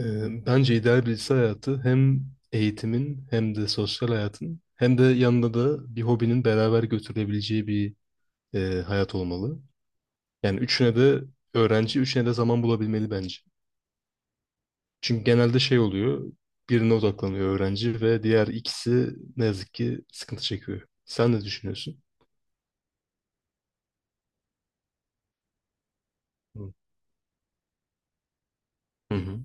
Bence ideal birisi hayatı hem eğitimin hem de sosyal hayatın hem de yanında da bir hobinin beraber götürülebileceği bir hayat olmalı. Yani üçüne de öğrenci, üçüne de zaman bulabilmeli bence. Çünkü genelde şey oluyor, birine odaklanıyor öğrenci ve diğer ikisi ne yazık ki sıkıntı çekiyor. Sen ne düşünüyorsun? Hı hı.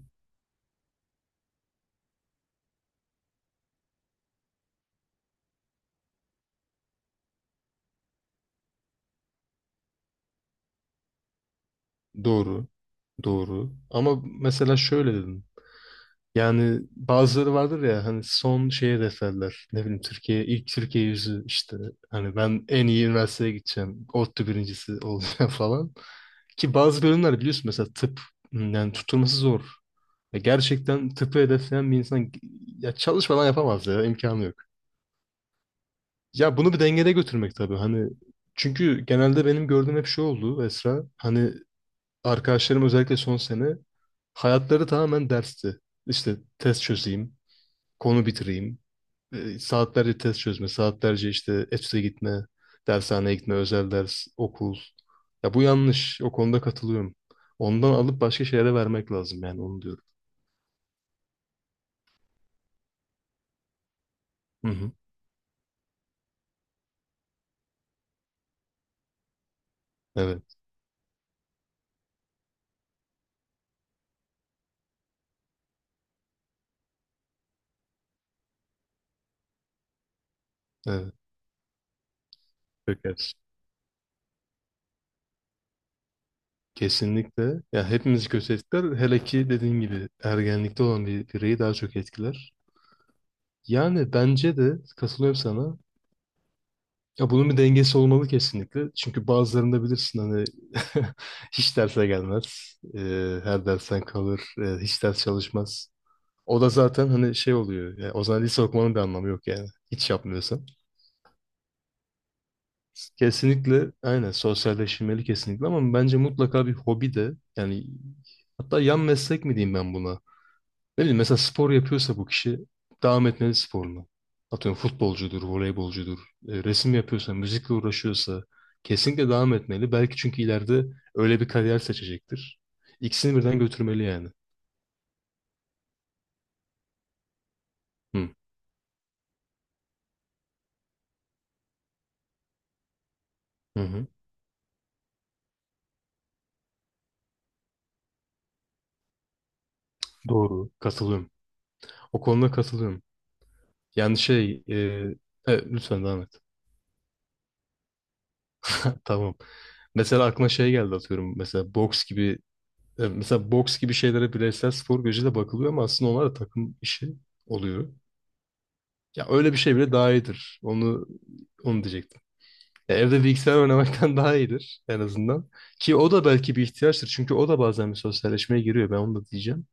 Doğru, doğru. Ama mesela şöyle dedim. Yani bazıları vardır ya hani son şeye defterler. Ne bileyim Türkiye ilk Türkiye yüzü işte hani ben en iyi üniversiteye gideceğim. ODTÜ birincisi olacağım falan. Ki bazı bölümler biliyorsun mesela tıp yani tutturması zor. Ya gerçekten tıpı hedefleyen bir insan ya çalışmadan yapamaz ya imkanı yok. Ya bunu bir dengede götürmek tabii hani çünkü genelde benim gördüğüm hep şey oldu Esra. Hani arkadaşlarım özellikle son sene hayatları tamamen dersti. İşte test çözeyim, konu bitireyim. Saatlerce test çözme, saatlerce işte EFS'e gitme, dershaneye gitme, özel ders, okul. Ya bu yanlış. O konuda katılıyorum. Ondan alıp başka şeylere vermek lazım yani onu diyorum. Hı hı. Evet, evet. Çok Kesinlikle. Ya hepimizi kötü etkiler. Hele ki dediğin gibi ergenlikte olan bir bireyi daha çok etkiler. Yani bence de katılıyorum sana. Ya bunun bir dengesi olmalı kesinlikle. Çünkü bazılarında bilirsin hani hiç derse gelmez. Her dersten kalır. Hiç ders çalışmaz. O da zaten hani şey oluyor. Ya o zaman lise okumanın bir anlamı yok yani. Hiç yapmıyorsan. Kesinlikle aynen sosyalleşmeli kesinlikle ama bence mutlaka bir hobi de yani, hatta yan meslek mi diyeyim ben buna? Ne bileyim mesela spor yapıyorsa bu kişi devam etmeli sporuna. Atıyorum futbolcudur, voleybolcudur, resim yapıyorsa, müzikle uğraşıyorsa kesinlikle devam etmeli. Belki çünkü ileride öyle bir kariyer seçecektir. İkisini birden götürmeli yani. Hı, hı hı. Doğru. Katılıyorum. O konuda katılıyorum. Yani şey, lütfen devam et. Tamam. Mesela aklıma şey geldi atıyorum. Mesela boks gibi şeylere bireysel spor gözüyle bakılıyor ama aslında onlar da takım işi oluyor. Ya öyle bir şey bile daha iyidir. Onu diyecektim. Ya evde bilgisayar oynamaktan daha iyidir en azından. Ki o da belki bir ihtiyaçtır. Çünkü o da bazen bir sosyalleşmeye giriyor. Ben onu da diyeceğim.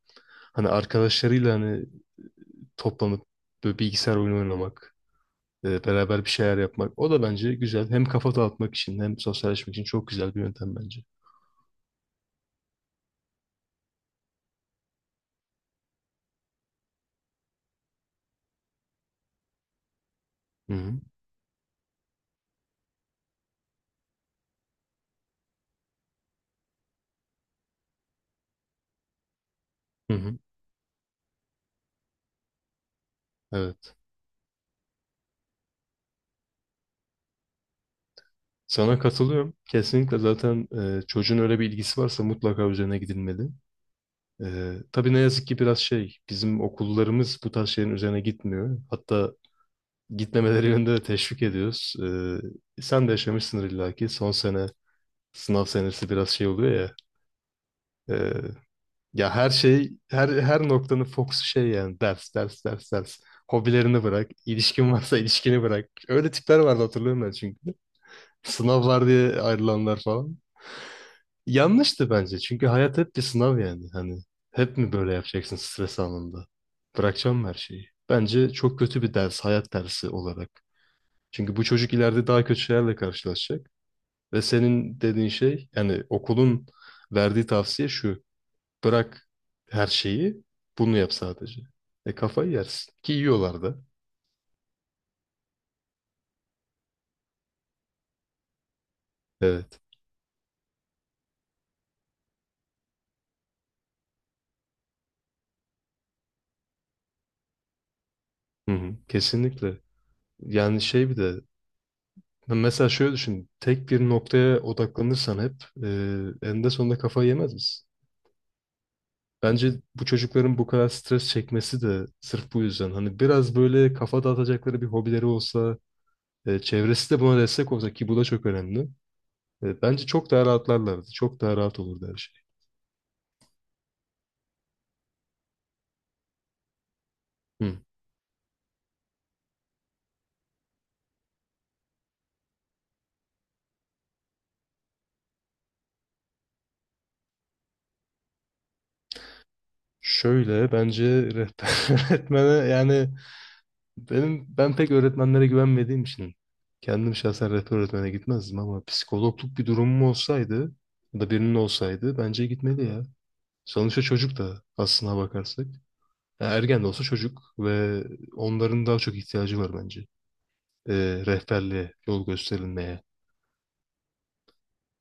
Hani arkadaşlarıyla hani toplanıp böyle bilgisayar oyunu oynamak, beraber bir şeyler yapmak. O da bence güzel. Hem kafa dağıtmak için hem sosyalleşmek için çok güzel bir yöntem bence. Hı hı. Hı hı. Evet. Sana katılıyorum. Kesinlikle zaten çocuğun öyle bir ilgisi varsa mutlaka üzerine gidilmeli. Tabii ne yazık ki biraz şey, bizim okullarımız bu tarz şeylerin üzerine gitmiyor. Hatta gitmemeleri yönünde de teşvik ediyoruz. Sen de yaşamışsındır illa ki. Son sene, sınav senesi biraz şey oluyor ya. Ee, Ya her şey, her noktanın fokusu şey yani ders, ders, ders, ders. Hobilerini bırak, ilişkin varsa ilişkini bırak. Öyle tipler vardı hatırlıyorum ben çünkü. Sınav var diye ayrılanlar falan. Yanlıştı bence. Çünkü hayat hep bir sınav yani. Hani hep mi böyle yapacaksın stres anında? Bırakacağım her şeyi. Bence çok kötü bir ders, hayat dersi olarak. Çünkü bu çocuk ileride daha kötü şeylerle karşılaşacak. Ve senin dediğin şey, yani okulun verdiği tavsiye şu. Bırak her şeyi, bunu yap sadece. E kafayı yersin. Ki yiyorlar da. Evet. Hı hı. Kesinlikle. Yani şey bir de. Ya mesela şöyle düşün. Tek bir noktaya odaklanırsan hep e, eninde sonunda kafayı yemez misin? Bence bu çocukların bu kadar stres çekmesi de sırf bu yüzden. Hani biraz böyle kafa dağıtacakları bir hobileri olsa, çevresi de buna destek olsa ki bu da çok önemli. Bence çok daha rahatlarlardı. Çok daha rahat olurdu her şey. Hı. Şöyle bence rehber öğretmene yani. Ben pek öğretmenlere güvenmediğim için kendim şahsen rehber öğretmene gitmezdim ama psikologluk bir durumum olsaydı ya da birinin olsaydı bence gitmeli ya. Sonuçta çocuk da aslına bakarsak. Ya ergen de olsa çocuk ve onların daha çok ihtiyacı var bence. Rehberliğe, yol gösterilmeye.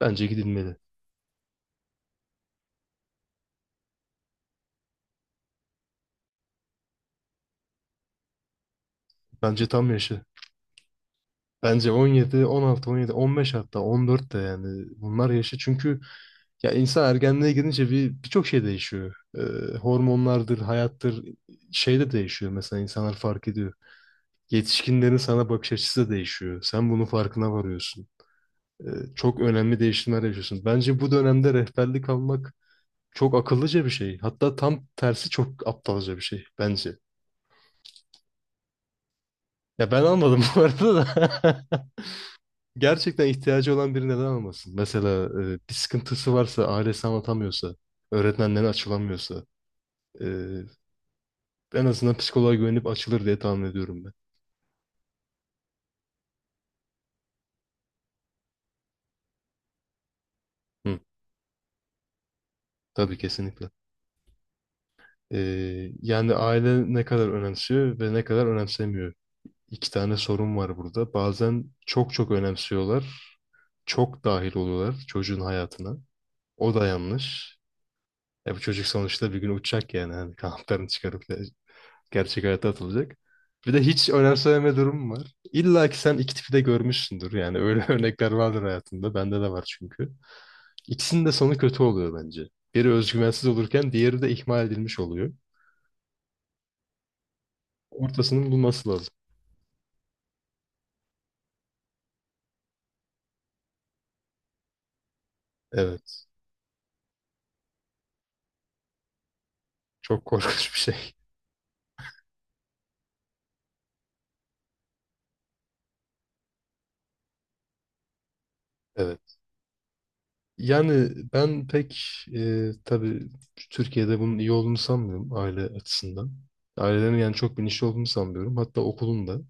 Bence gidilmeli. Bence tam yaşı. Bence 17, 16, 17, 15 hatta 14 de yani bunlar yaşı çünkü ya insan ergenliğe gidince birçok şey değişiyor. Hormonlardır, hayattır, şey de değişiyor, mesela insanlar fark ediyor. Yetişkinlerin sana bakış açısı da değişiyor. Sen bunun farkına varıyorsun. Çok önemli değişimler yaşıyorsun. Bence bu dönemde rehberlik almak çok akıllıca bir şey. Hatta tam tersi çok aptalca bir şey bence. Ya ben anladım bu arada da. Gerçekten ihtiyacı olan biri neden almasın? Mesela bir sıkıntısı varsa, ailesi anlatamıyorsa, öğretmenlerine açılamıyorsa, e, en azından psikoloğa güvenip açılır diye tahmin ediyorum ben. Hı, tabii kesinlikle. E, Yani aile ne kadar önemsiyor ve ne kadar önemsemiyor. İki tane sorun var burada. Bazen çok çok önemsiyorlar, çok dahil oluyorlar çocuğun hayatına. O da yanlış. E bu çocuk sonuçta bir gün uçacak yani. Hani kanatlarını çıkarıp gerçek hayata atılacak. Bir de hiç önemsememe durumu var. İlla ki sen iki tipi de görmüşsündür. Yani öyle örnekler vardır hayatında. Bende de var çünkü. İkisinin de sonu kötü oluyor bence. Biri özgüvensiz olurken diğeri de ihmal edilmiş oluyor. Ortasının bulması lazım. Evet. Çok korkunç bir şey. Evet. Yani ben pek tabii Türkiye'de bunun iyi olduğunu sanmıyorum aile açısından. Ailelerin yani çok bilinçli olduğunu sanmıyorum. Hatta okulun da.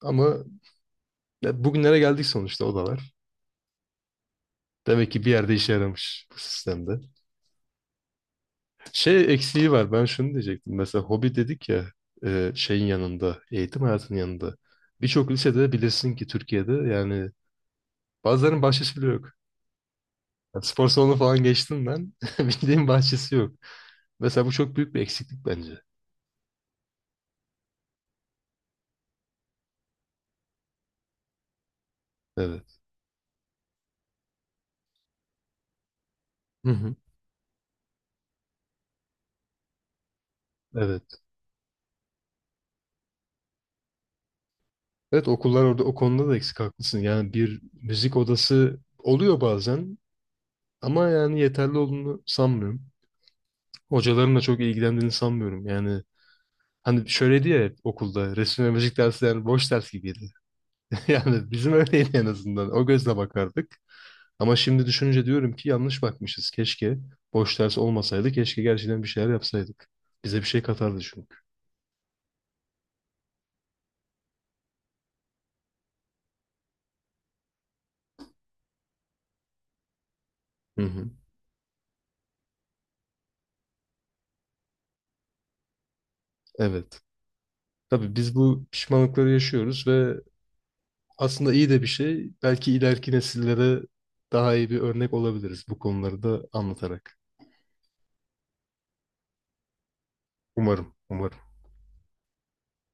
Ama ya bugünlere geldik sonuçta o da var. Demek ki bir yerde işe yaramış bu sistemde. Şey eksiği var. Ben şunu diyecektim. Mesela hobi dedik ya, şeyin yanında, eğitim hayatının yanında. Birçok lisede bilirsin ki Türkiye'de yani bazılarının bahçesi bile yok. Yani spor salonu falan geçtim ben. Bildiğim bahçesi yok. Mesela bu çok büyük bir eksiklik bence. Evet. Hı hı. Evet. Evet, okullar orada o konuda da eksik haklısın. Yani bir müzik odası oluyor bazen ama yani yeterli olduğunu sanmıyorum. Hocaların da çok ilgilendiğini sanmıyorum. Yani, hani şöyle diyor, hep okulda resim ve müzik dersi yani boş ders gibiydi. Yani bizim öyleydi en azından. O gözle bakardık. Ama şimdi düşününce diyorum ki yanlış bakmışız. Keşke boş ders olmasaydı. Keşke gerçekten bir şeyler yapsaydık. Bize bir şey katardı çünkü. Hı hı. Evet. Tabii biz bu pişmanlıkları yaşıyoruz ve aslında iyi de bir şey. Belki ileriki nesillere daha iyi bir örnek olabiliriz bu konuları da anlatarak. Umarım, umarım.